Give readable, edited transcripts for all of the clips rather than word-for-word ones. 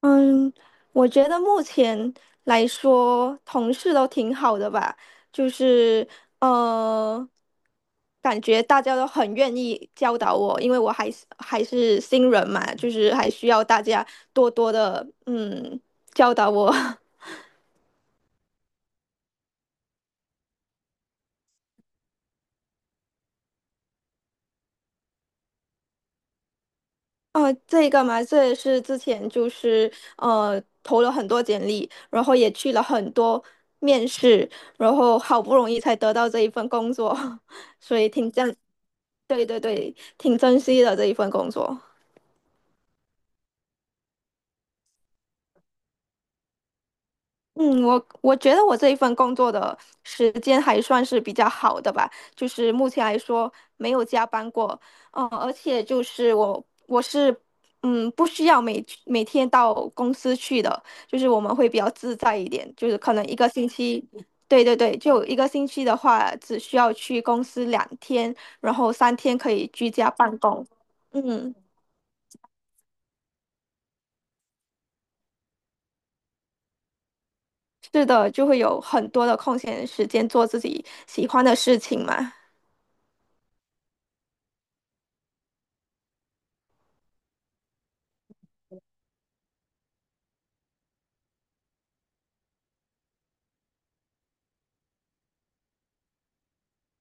嗯，我觉得目前来说，同事都挺好的吧。就是呃，感觉大家都很愿意教导我，因为我还是新人嘛，就是还需要大家多多的教导我。哦，这个嘛，这也是之前就是投了很多简历，然后也去了很多面试，然后好不容易才得到这一份工作，所以挺赞。对对对，挺珍惜的这一份工作。嗯，我觉得我这一份工作的时间还算是比较好的吧，就是目前来说没有加班过。而且就是我是不需要每天到公司去的，就是我们会比较自在一点，就是可能一个星期，对对对，就一个星期的话只需要去公司2天，然后三天可以居家办公。嗯。是的，就会有很多的空闲时间做自己喜欢的事情嘛。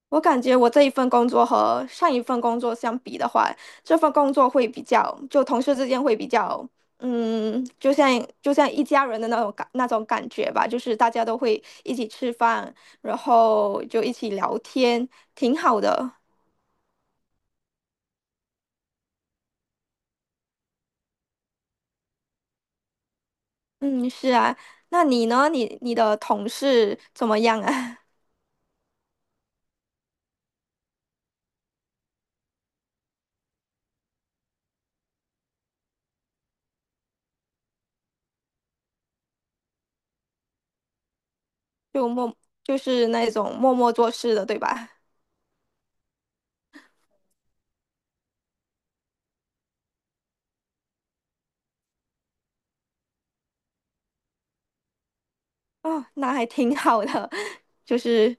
我感觉我这一份工作和上一份工作相比的话，这份工作会比较，就同事之间会比较，嗯，就像一家人的那种感觉吧，就是大家都会一起吃饭，然后就一起聊天，挺好的。嗯，是啊，那你呢？你的同事怎么样啊？就默就是那种默默做事的，对吧？啊，那还挺好的。就是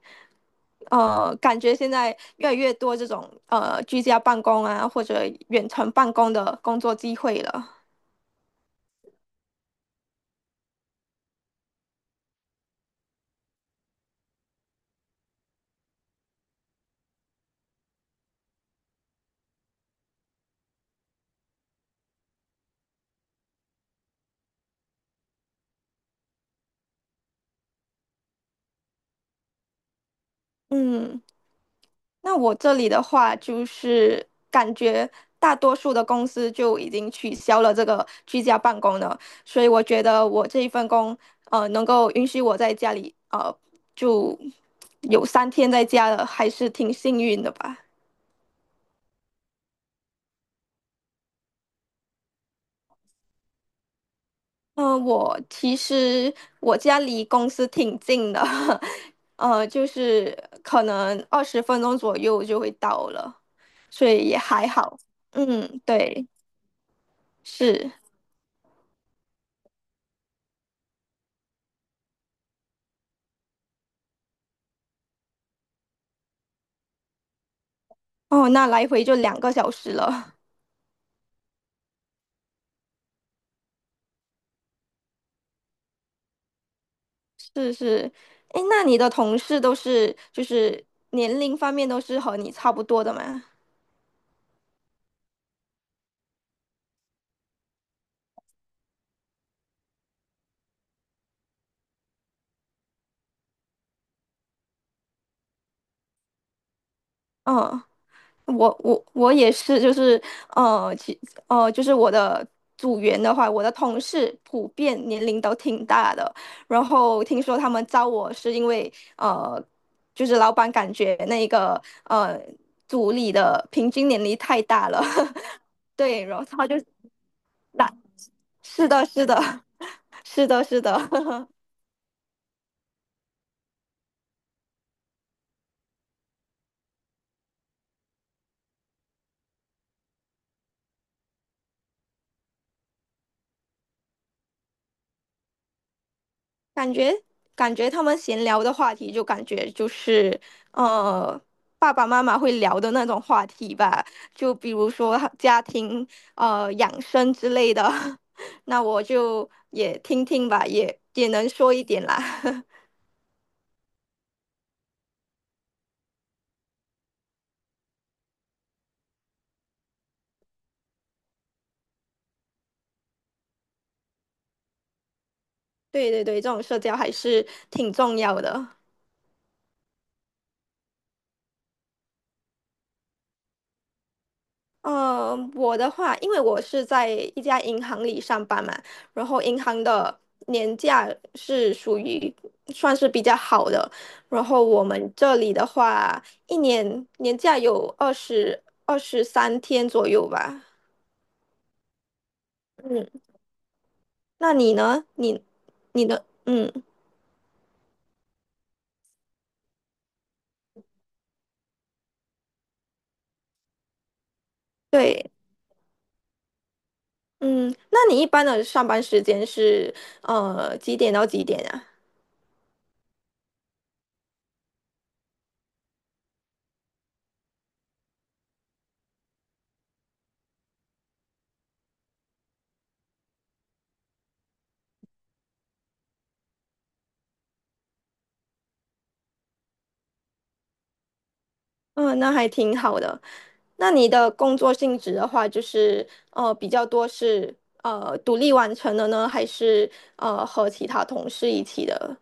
感觉现在越来越多这种居家办公啊，或者远程办公的工作机会了。嗯，那我这里的话，就是感觉大多数的公司就已经取消了这个居家办公了，所以我觉得我这一份工，能够允许我在家里，就有三天在家了，还是挺幸运的吧。嗯，我其实我家离公司挺近的，就是可能20分钟左右就会到了，所以也还好。嗯，对，是。哦，那来回就2个小时了。是是。诶，那你的同事都是就是年龄方面都是和你差不多的吗？嗯，我也是，就是呃，其就是我的组员的话，我的同事普遍年龄都挺大的。然后听说他们招我是因为就是老板感觉那个组里的平均年龄太大了，对，然后他就打，是的，是的，是的，是的。感觉感觉他们闲聊的话题，就感觉就是呃，爸爸妈妈会聊的那种话题吧，就比如说家庭养生之类的，那我就也听听吧，也能说一点啦。对对对，这种社交还是挺重要的。嗯，我的话，因为我是在一家银行里上班嘛，然后银行的年假是属于算是比较好的，然后我们这里的话，一年年假有23天左右吧。嗯，那你呢？你你的，嗯，对，嗯，那你一般的上班时间是几点到几点啊？嗯，那还挺好的。那你的工作性质的话，就是比较多是独立完成的呢，还是和其他同事一起的？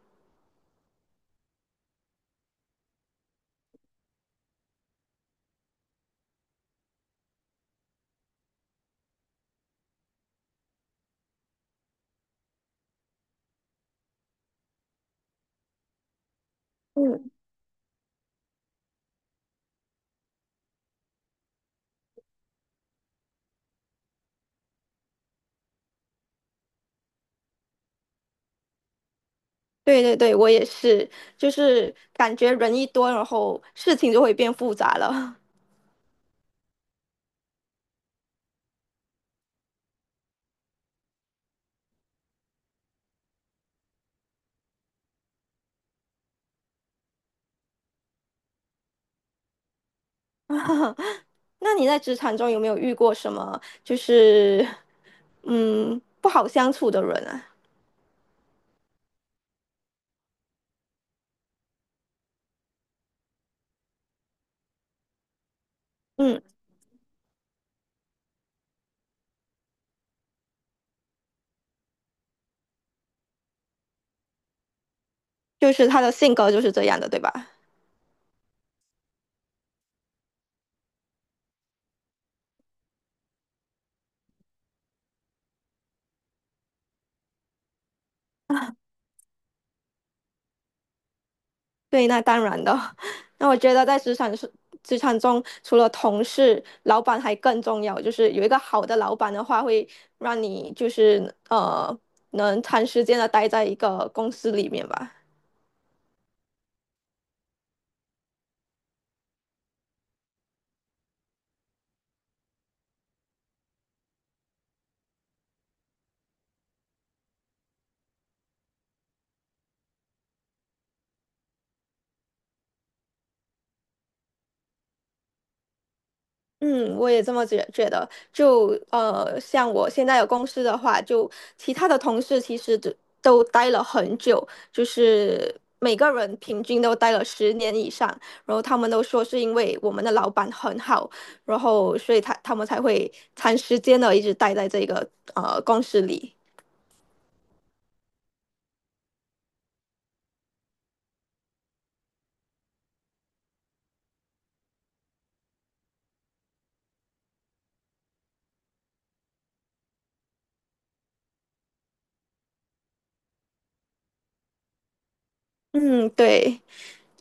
嗯，对对对，我也是，就是感觉人一多，然后事情就会变复杂了。那你在职场中有没有遇过什么就是不好相处的人啊？嗯，就是他的性格就是这样的，对吧？对，那当然的。那我觉得在职场中，除了同事，老板还更重要。就是有一个好的老板的话，会让你就是能长时间的待在一个公司里面吧。嗯，我也这么觉得。就像我现在的公司的话，就其他的同事其实都待了很久，就是每个人平均都待了10年以上。然后他们都说是因为我们的老板很好，然后所以他们才会长时间的一直待在这个公司里。嗯，对。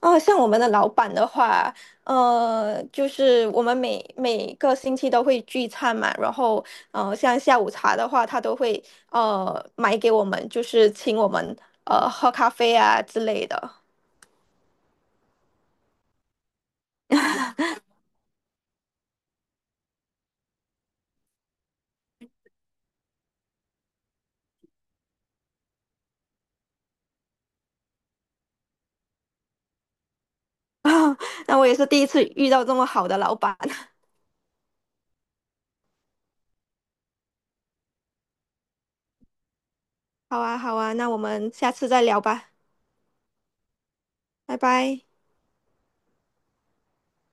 哦，像我们的老板的话，就是我们每个星期都会聚餐嘛，然后像下午茶的话，他都会买给我们，就是请我们喝咖啡啊之类的。那我也是第一次遇到这么好的老板。好啊，好啊，那我们下次再聊吧，拜拜。